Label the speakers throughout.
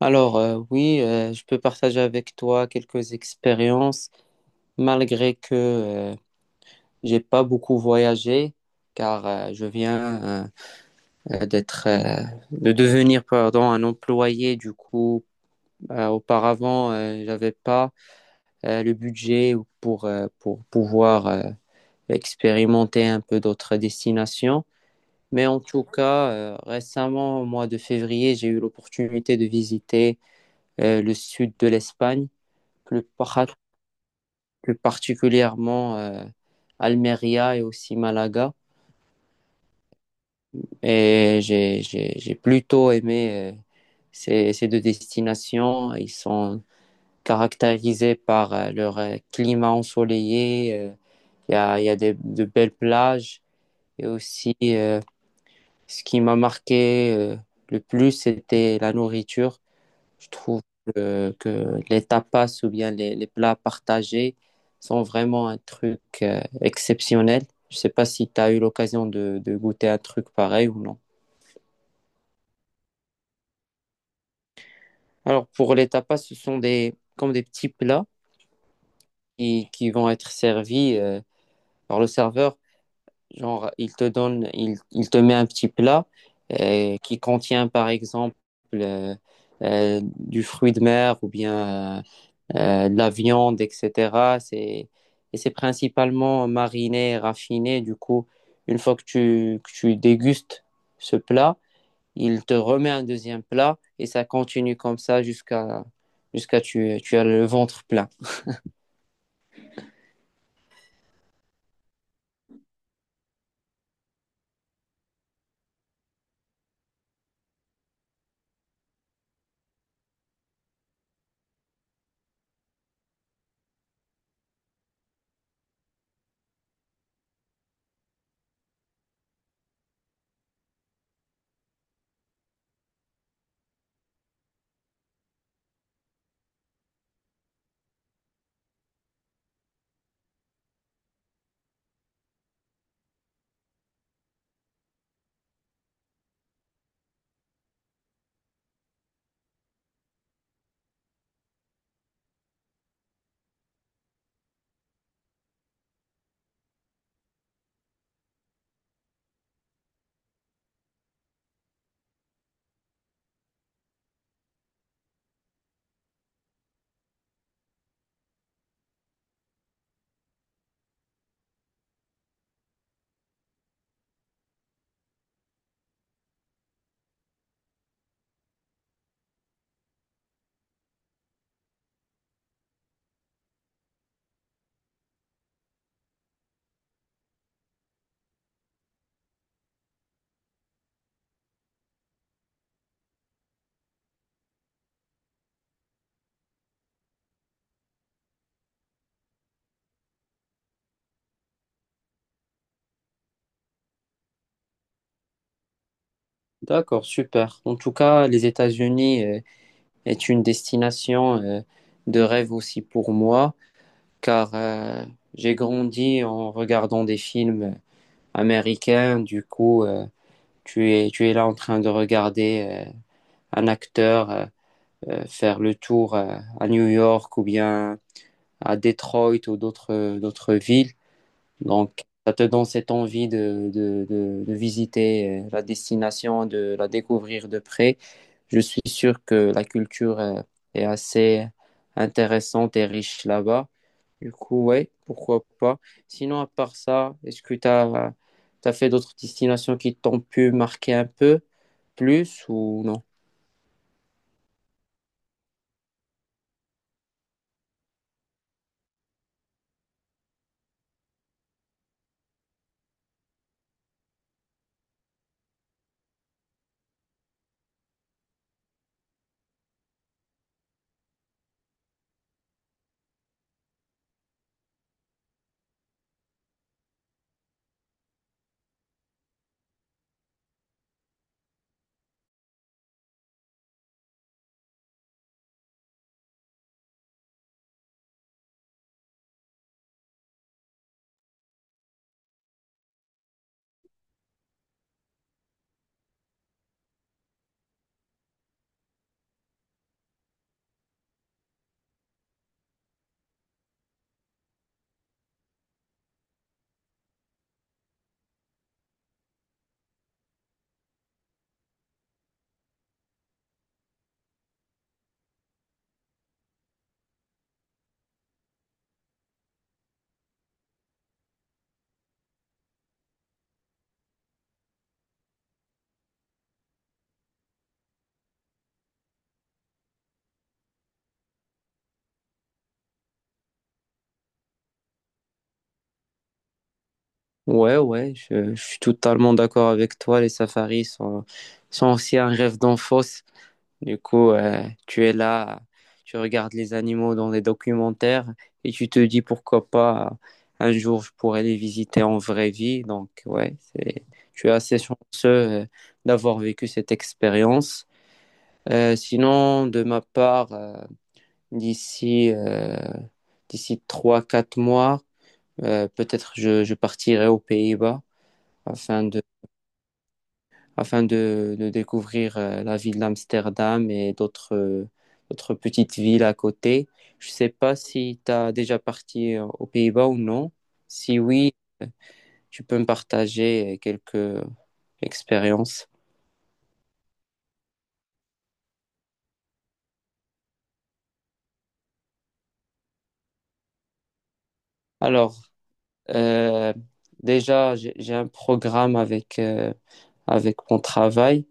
Speaker 1: Alors, oui, je peux partager avec toi quelques expériences, malgré que euh, j'ai pas beaucoup voyagé, car je viens euh, d'être, euh, de devenir, pardon, un employé. Du coup, auparavant, j'avais pas le budget pour pouvoir expérimenter un peu d'autres destinations. Mais en tout cas, récemment, au mois de février, j'ai eu l'opportunité de visiter le sud de l'Espagne plus par- plus particulièrement Almeria et aussi Malaga. Et j'ai plutôt aimé ces deux destinations. Ils sont caractérisés par leur climat ensoleillé. Il y a de belles plages. Et aussi, ce qui m'a marqué le plus, c'était la nourriture. Je trouve que les tapas ou bien les plats partagés sont vraiment un truc exceptionnel. Je sais pas si tu as eu l'occasion de goûter un truc pareil ou non. Alors, pour les tapas, ce sont des, comme des petits plats qui vont être servis par le serveur. Genre, il te donne, il te met un petit plat qui contient, par exemple, euh, du fruit de mer ou bien euh, de la viande, etc. Et c'est principalement mariné, raffiné. Du coup, une fois que que tu dégustes ce plat, il te remet un deuxième plat et ça continue comme ça jusqu'à tu as le ventre plein. D'accord, super. En tout cas, les États-Unis est une destination de rêve aussi pour moi, car j'ai grandi en regardant des films américains. Du coup, tu es tu es là en train de regarder un acteur faire le tour à New York ou bien à Detroit ou d'autres d'autres villes. Donc, ça te donne cette envie de visiter la destination, de la découvrir de près. Je suis sûr que la culture est assez intéressante et riche là-bas. Du coup, ouais, pourquoi pas. Sinon, à part ça, est-ce que tu as fait d'autres destinations qui t'ont pu marquer un peu plus ou non? Ouais, ouais, je suis totalement d'accord avec toi. Les safaris sont aussi un rêve d'enfance. Du coup, tu es là, tu regardes les animaux dans les documentaires et tu te dis pourquoi pas un jour je pourrais les visiter en vraie vie. Donc, ouais, c'est, je suis assez chanceux d'avoir vécu cette expérience. Sinon, de ma part, d'ici euh, d'ici trois quatre mois, peut-être je partirai aux Pays-Bas afin de, de découvrir la ville d'Amsterdam et d'autres d'autres petites villes à côté. Je sais pas si tu as déjà parti aux Pays-Bas ou non. Si oui, tu peux me partager quelques expériences. Alors, euh, déjà, j'ai un programme avec mon travail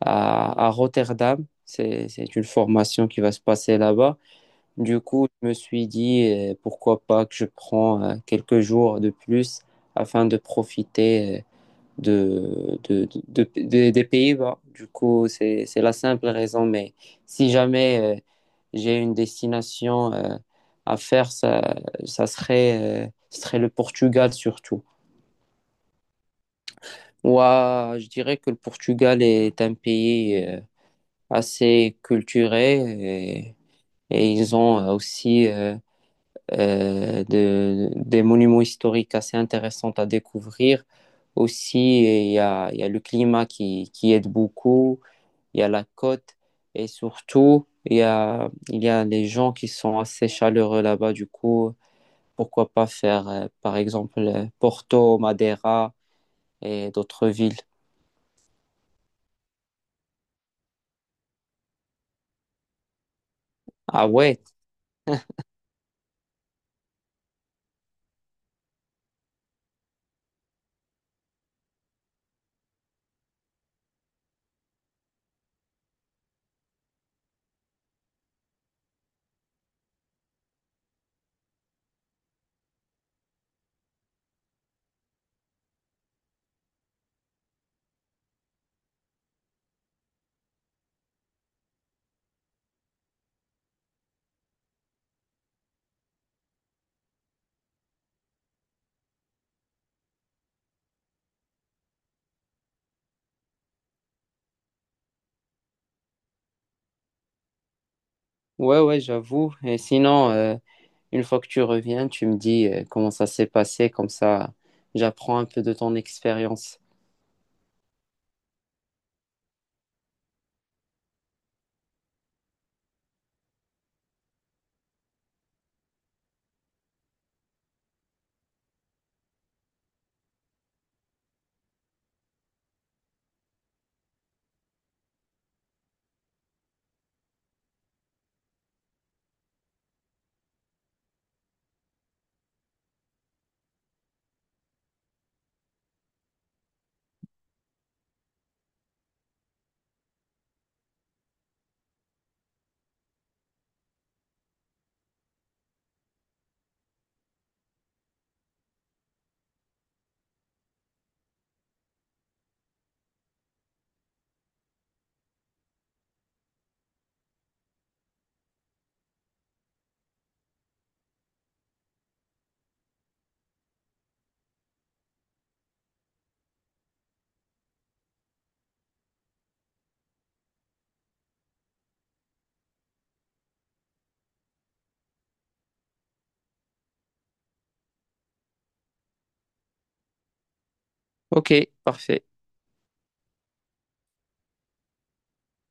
Speaker 1: à Rotterdam. C'est une formation qui va se passer là-bas. Du coup, je me suis dit, pourquoi pas que je prends quelques jours de plus afin de profiter des Pays-Bas. Du coup, c'est la simple raison, mais si jamais j'ai une destination à faire, ça serait, ce serait le Portugal surtout. Moi, je dirais que le Portugal est un pays assez culturé et ils ont aussi... des monuments historiques assez intéressants à découvrir. Aussi, il y a le climat qui aide beaucoup, il y a la côte et surtout, il y a les gens qui sont assez chaleureux là-bas. Du coup, pourquoi pas faire, par exemple, Porto, Madeira et d'autres villes. Ah ouais, ouais, j'avoue. Et sinon, une fois que tu reviens, tu me dis comment ça s'est passé, comme ça, j'apprends un peu de ton expérience. Ok, parfait.